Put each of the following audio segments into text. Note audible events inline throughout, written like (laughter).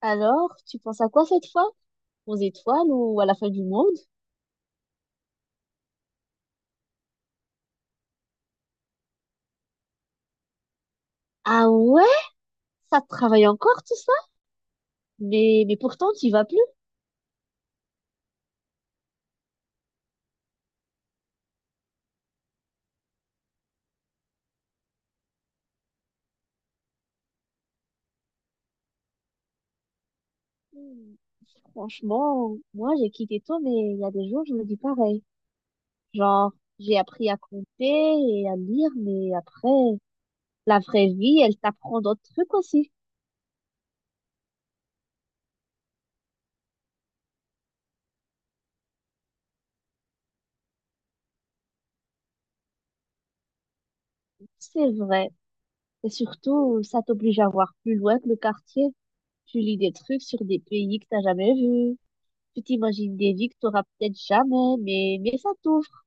Alors, tu penses à quoi cette fois? Aux étoiles ou à la fin du monde? Ah ouais? Ça te travaille encore tout ça? Mais pourtant, tu vas plus. Hmm. Franchement, moi j'ai quitté tôt, mais il y a des jours, je me dis pareil. Genre, j'ai appris à compter et à lire, mais après, la vraie vie, elle t'apprend d'autres trucs aussi. C'est vrai. Et surtout, ça t'oblige à voir plus loin que le quartier. Tu lis des trucs sur des pays que t'as jamais vus. Tu t'imagines des vies que t'auras peut-être jamais, mais ça t'ouvre.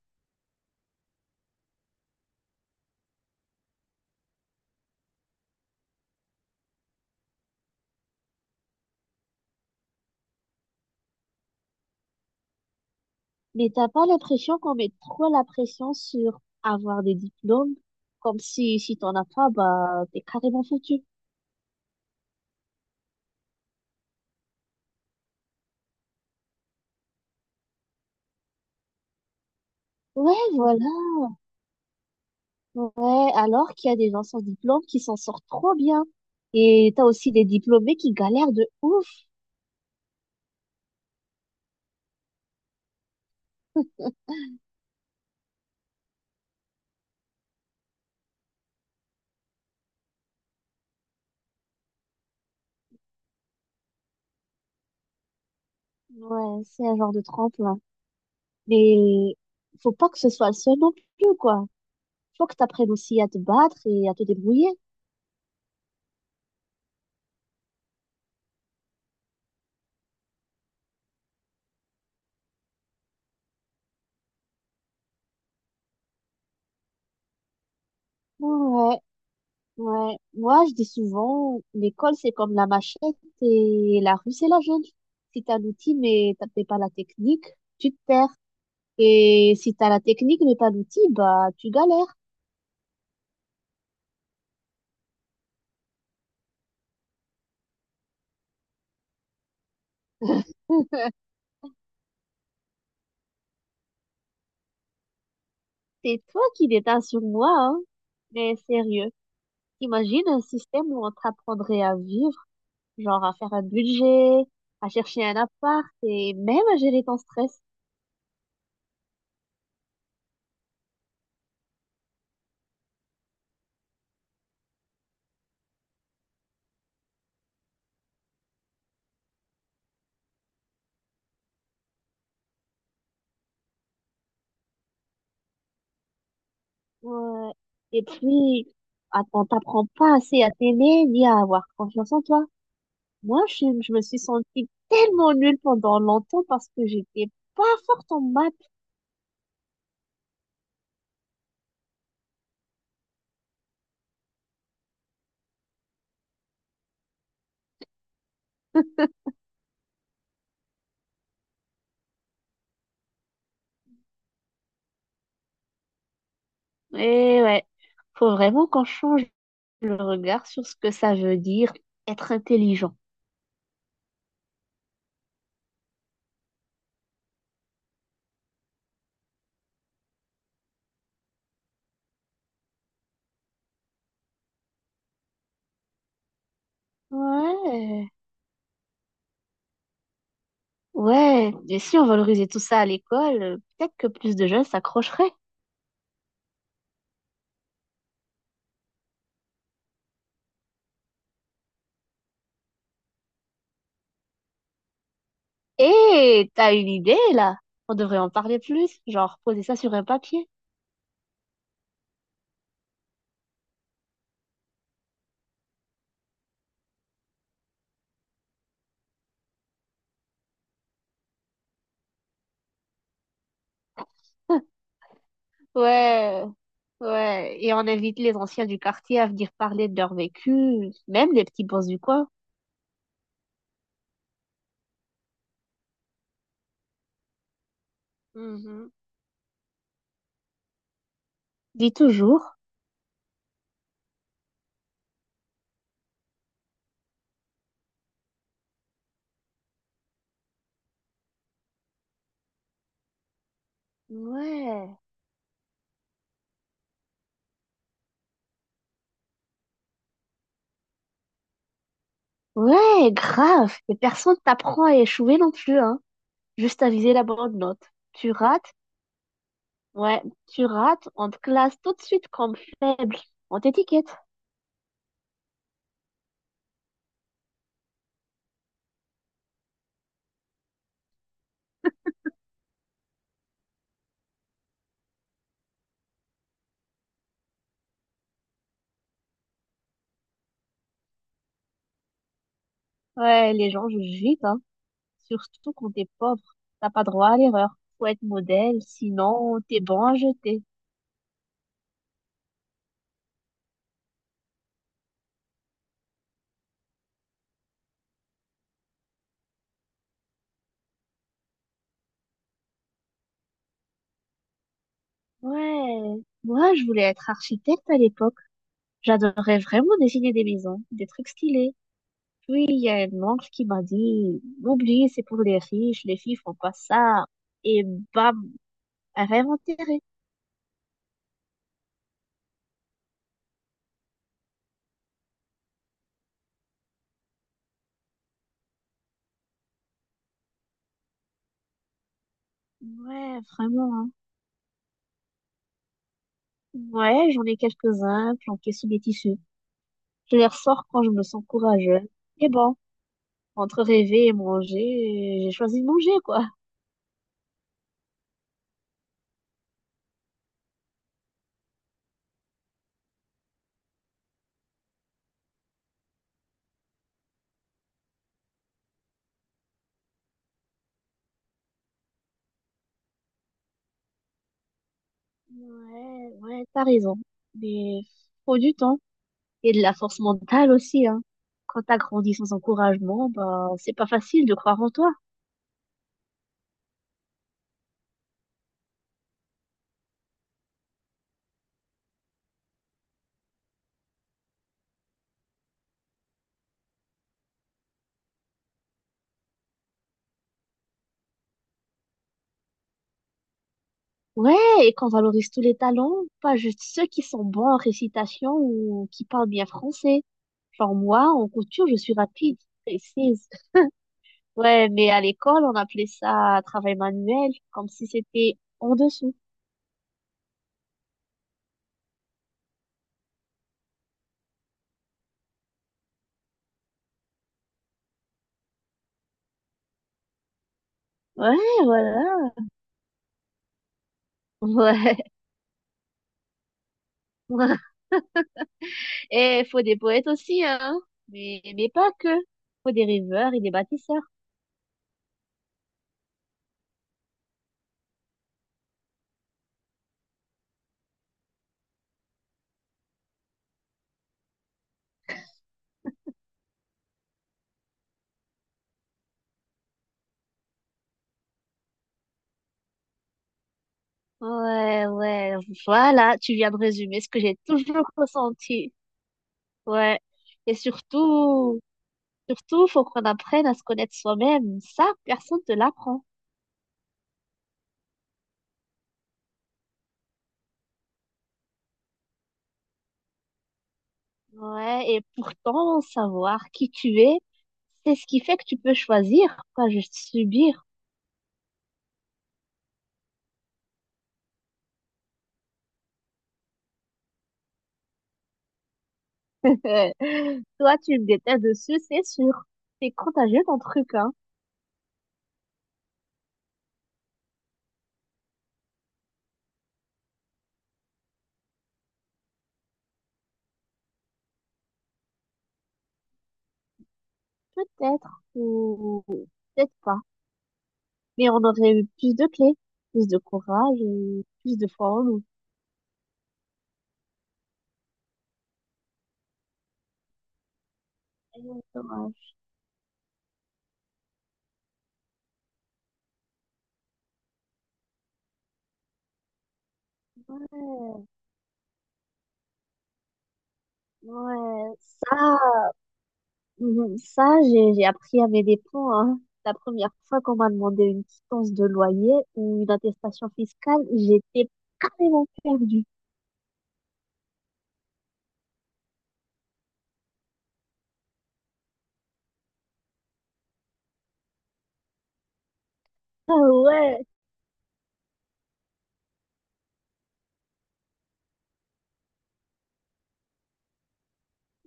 Mais t'as pas l'impression qu'on met trop la pression sur avoir des diplômes, comme si t'en as pas, bah t'es carrément foutu. Ouais, voilà. Ouais, alors qu'il y a des gens sans diplôme qui s'en sortent trop bien. Et t'as aussi des diplômés qui galèrent de ouf. Ouais, c'est un genre de tremplin. Mais faut pas que ce soit le seul non plus, quoi. Faut que t'apprennes aussi à te battre et à te débrouiller. Ouais. Ouais, moi je dis souvent, l'école c'est comme la machette et la rue c'est la jungle. Si t'as l'outil mais t'as pas la technique, tu te perds. Et si t'as la technique mais pas l'outil, bah tu galères. (laughs) C'est toi qui déteins sur moi, hein. Mais sérieux, imagine un système où on t'apprendrait à vivre, genre à faire un budget, à chercher un appart et même à gérer ton stress. Ouais. Et puis, on t'apprend pas assez à t'aimer ni à avoir confiance en toi. Moi, je me suis sentie tellement nulle pendant longtemps parce que j'étais pas forte en maths. (laughs) Et ouais, faut vraiment qu'on change le regard sur ce que ça veut dire être intelligent. Ouais, ouais, et si on valorisait tout ça à l'école, peut-être que plus de jeunes s'accrocheraient. Et t'as une idée là? On devrait en parler plus, genre poser ça sur un papier. (laughs) Ouais, ouais, et on invite les anciens du quartier à venir parler de leur vécu, même les petits boss du coin. Mhm. Dis toujours. Ouais. Ouais, grave. Et personne t'apprend à échouer non plus, hein. Juste à viser la bonne note. Tu rates, ouais, tu rates, on te classe tout de suite comme faible. On t'étiquette. Ouais, les gens jugent vite, hein. Surtout quand t'es pauvre. T'as pas droit à l'erreur. Faut être modèle, sinon t'es bon à jeter. Ouais. Moi, je voulais être architecte à l'époque. J'adorais vraiment dessiner des maisons, des trucs stylés. Puis, il y a une oncle qui m'a dit, oublie, c'est pour les riches, les filles font pas ça. Et bam, rêve enterré. Ouais, vraiment, hein. Ouais, j'en ai quelques-uns planqués sous des tissus. Je les ressors quand je me sens courageux. Et bon, entre rêver et manger, j'ai choisi de manger, quoi. Ouais, ouais, t'as raison. Mais faut du temps et de la force mentale aussi, hein. Quand t'as grandi sans encouragement, bah, c'est pas facile de croire en toi. Ouais, et qu'on valorise tous les talents, pas juste ceux qui sont bons en récitation ou qui parlent bien français. Genre moi, en couture, je suis rapide, précise. Ouais, mais à l'école, on appelait ça travail manuel, comme si c'était en dessous. Ouais, voilà. Ouais. (laughs) Et faut des poètes aussi, hein. Mais pas que. Faut des rêveurs et des bâtisseurs. Ouais, ouais. Voilà, tu viens de résumer ce que j'ai toujours ressenti. Ouais. Et surtout, Surtout, faut qu'on apprenne à se connaître soi-même. Ça, personne ne te l'apprend. Ouais, et pourtant, savoir qui tu es, c'est ce qui fait que tu peux choisir, pas juste subir. (laughs) Toi, tu me détestes dessus, c'est sûr. C'est contagieux ton truc, hein. Peut-être, ou peut-être pas. Mais on aurait eu plus de clés, plus de courage et plus de foi en nous. Et dommage. Ouais, ouais, ça, Mhm. Ça, j'ai appris à mes dépens, hein. La première fois qu'on m'a demandé une quittance de loyer ou une attestation fiscale, j'étais carrément perdue. Ah ouais.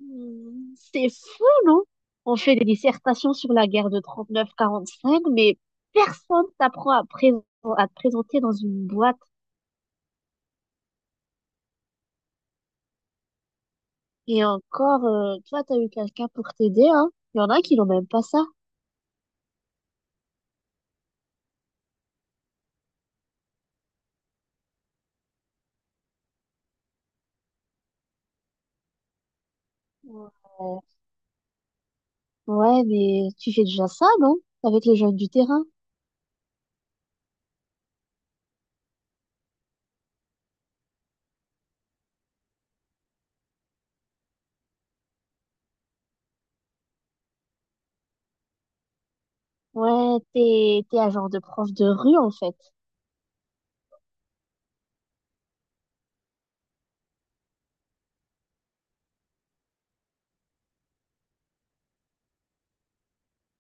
Hmm, c'est fou, non? On fait des dissertations sur la guerre de 39-45 mais personne t'apprend à, à te présenter dans une boîte. Et encore, toi, t'as eu quelqu'un pour t'aider, hein? Il y en a qui n'ont même pas ça. Ouais. Ouais, mais tu fais déjà ça, non? Avec les jeunes du terrain. Ouais, t'es un genre de prof de rue, en fait.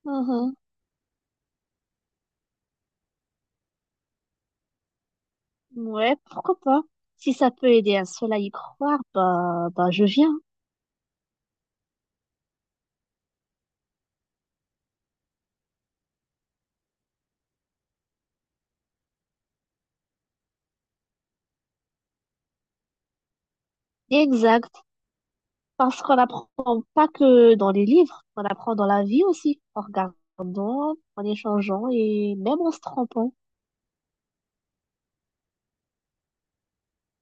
Mhm. Ouais, pourquoi pas? Si ça peut aider un seul à y croire, bah, je viens. Exact. Parce qu'on apprend pas que dans les livres, on apprend dans la vie aussi, en regardant, en échangeant et même en se trompant.